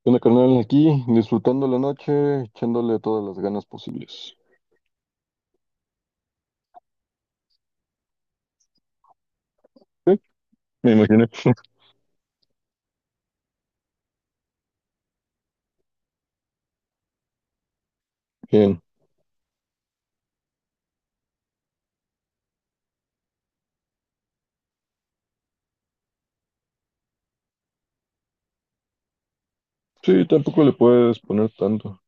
¿Qué onda, carnal? Aquí disfrutando la noche, echándole todas las ganas posibles. Sí, me imaginé. Bien. Sí, tampoco le puedes poner tanto.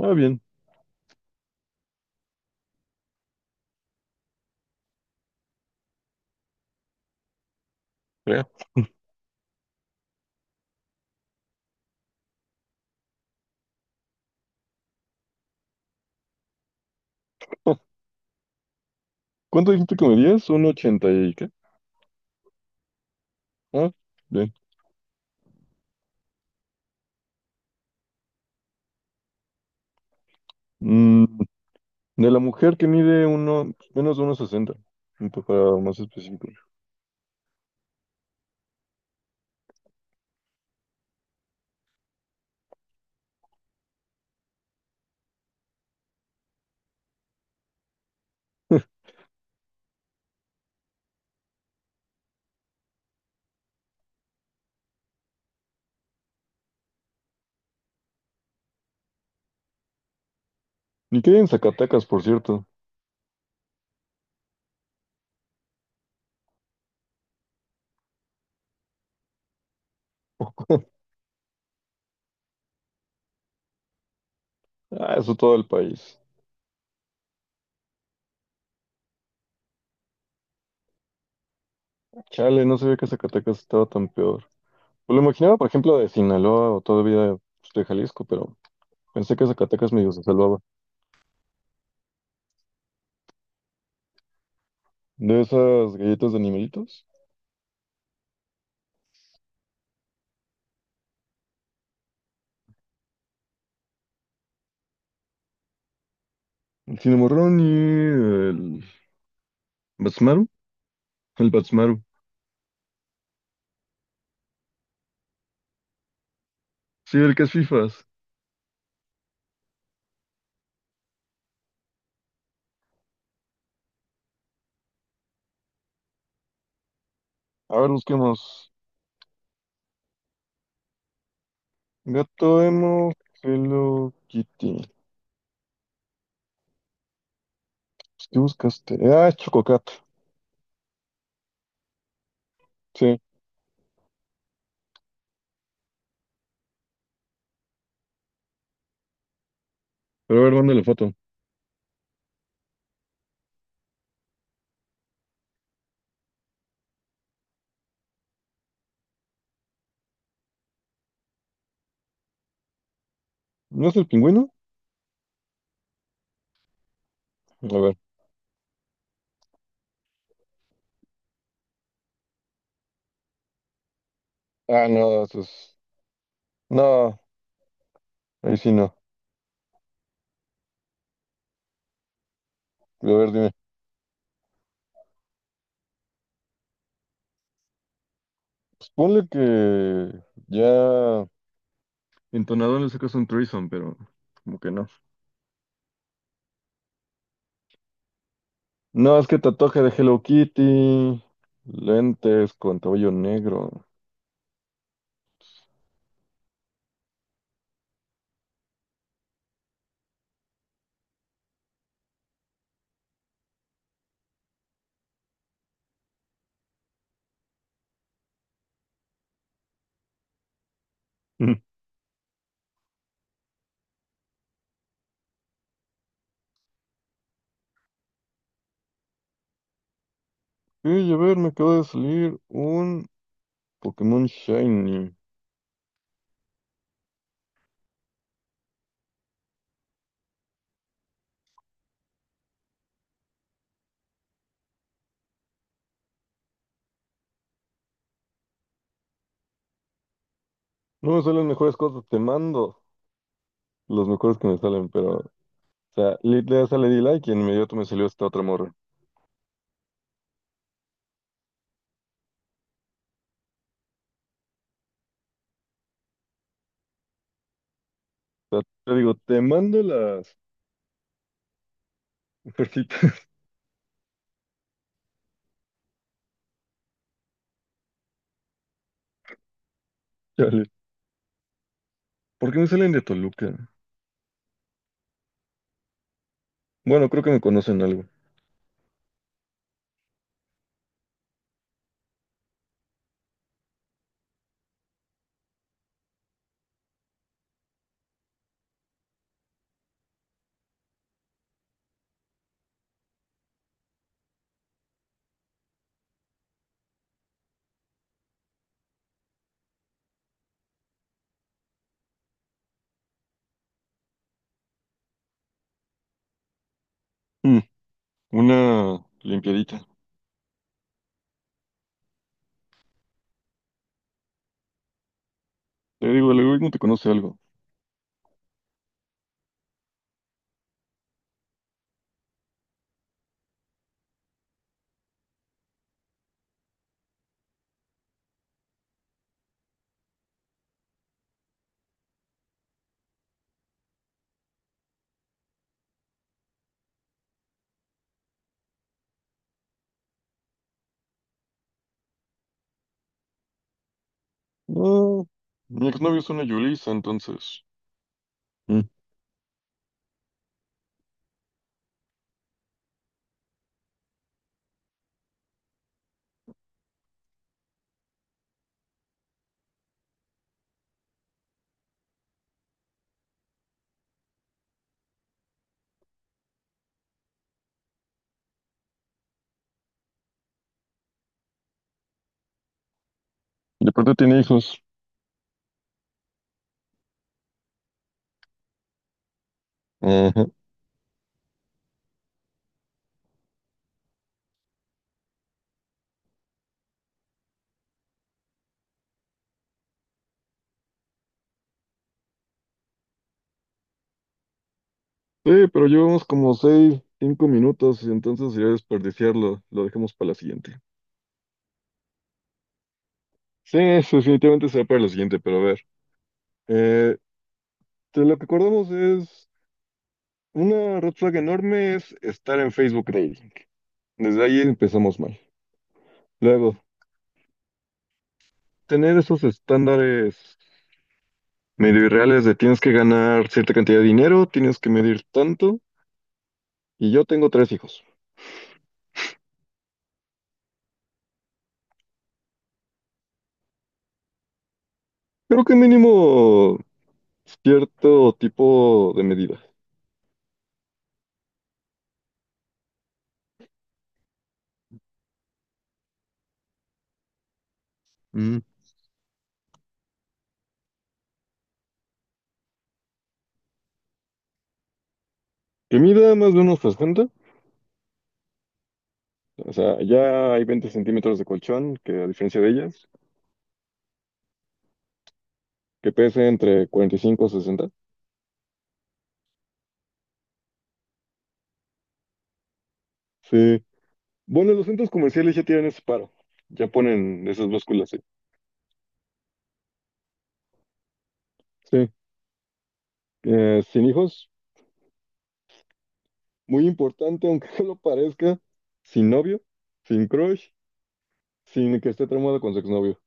Ah, bien. Ya. ¿Cuánto dijiste que medías? ¿Un ochenta y qué? Ah, bien. Mm, de la mujer que mide uno, menos de unos sesenta, un poco más específico. Ni que hay en Zacatecas, por cierto. Ah, eso todo el país. Chale, no sabía que Zacatecas estaba tan peor. Pues lo imaginaba, por ejemplo, de Sinaloa o todavía pues, de Jalisco, pero pensé que Zacatecas medio se salvaba. De esas galletas de animalitos. El cinemorrón y el Batsmaru. El Batsmaru. Sí, el que es fifas. A ver, busquemos. Gato Emo, Hello Kitty. Pues, ¿qué buscaste? Ah, es Chococat. Sí. Pero a ver, mándale foto. ¿No es el pingüino? A ver. Ah, no, eso es... No, ahí sí no. A ver, dime. Pues ponle que ya... Entonado le sacas un threesome, pero como que no. No, es que tatuaje de Hello Kitty, lentes con cabello negro. Y a ver, me acaba de salir un Pokémon Shiny. No me salen mejores cosas, te mando los mejores que me salen, pero, o sea, literal sale D-Like y en inmediato me salió esta otra morra. O sea, te digo, te mando las ofertitas, chale. ¿Por qué me salen de Toluca? Bueno, creo que me conocen algo. Mm, una limpiadita. Te digo, el algoritmo te conoce algo. No, mi exnovio es una Yulisa, entonces. Mm. De pronto tiene hijos. Ajá. Sí, pero llevamos como seis, cinco minutos, y entonces sería desperdiciarlo. Lo dejamos para la siguiente. Sí, eso definitivamente será para la siguiente, pero a ver. Eh, de lo que acordamos es una red flag enorme es estar en Facebook Dating. Desde ahí empezamos mal. Luego, tener esos estándares medio irreales de tienes que ganar cierta cantidad de dinero, tienes que medir tanto, y yo tengo tres hijos. Creo que mínimo cierto tipo de medida. Mm. Que mida más de unos 60. O sea, ya hay 20 centímetros de colchón, que a diferencia de ellas, que pese entre 45 y 60. Sí. Bueno, los centros comerciales ya tienen ese paro. Ya ponen esas básculas, sí. Sí. Sin hijos, muy importante, aunque no lo parezca, sin novio, sin crush, sin que esté tramado con su exnovio.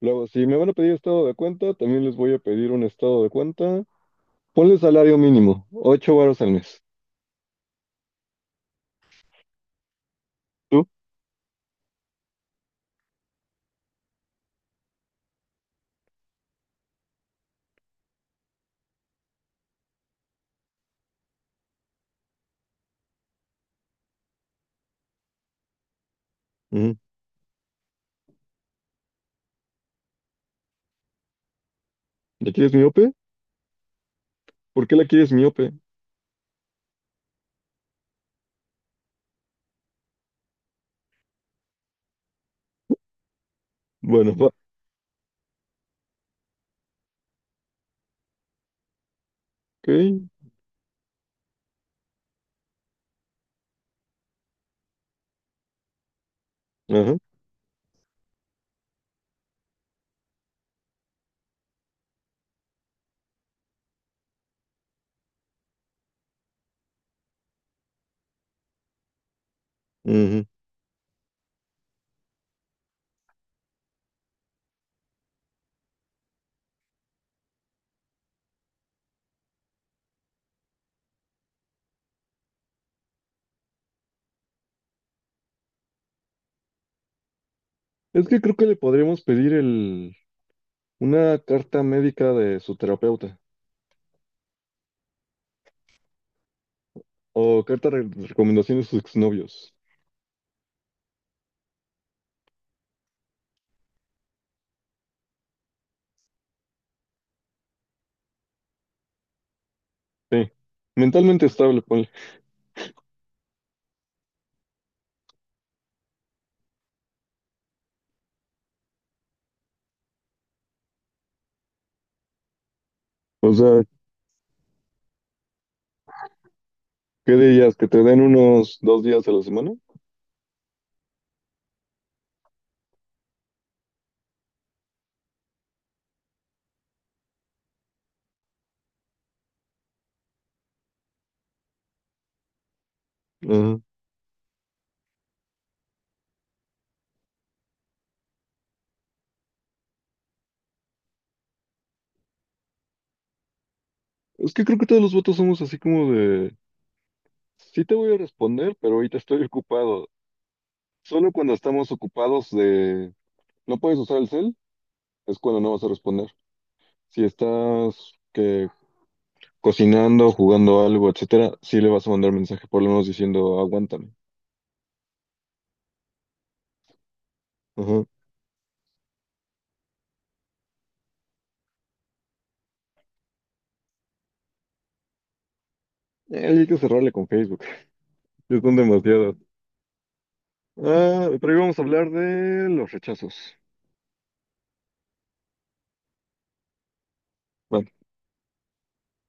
Luego, si me van a pedir estado de cuenta, también les voy a pedir un estado de cuenta. Ponle salario mínimo, 8 varos al mes. ¿Tú? Ujú. ¿Ya quieres miope? ¿Por qué la quieres miope? Bueno, va, ok. Ajá. Ujú. Es que creo que le podríamos pedir una carta médica de su terapeuta o carta de recomendaciones de sus exnovios. Sí. Mentalmente estable, ponle. O sea, ¿qué dirías? ¿Que te den unos dos días a la semana? Ajá. Es que creo que todos los votos somos así como de, sí te voy a responder, pero ahorita estoy ocupado. Solo cuando estamos ocupados de, no puedes usar el cel, es cuando no vas a responder. Si estás que cocinando, jugando algo, etcétera, sí le vas a mandar mensaje por lo menos diciendo, aguántame. Ajá. Hay que cerrarle con Facebook. Ya son demasiadas. Ah, pero hoy vamos a hablar de los rechazos. Va.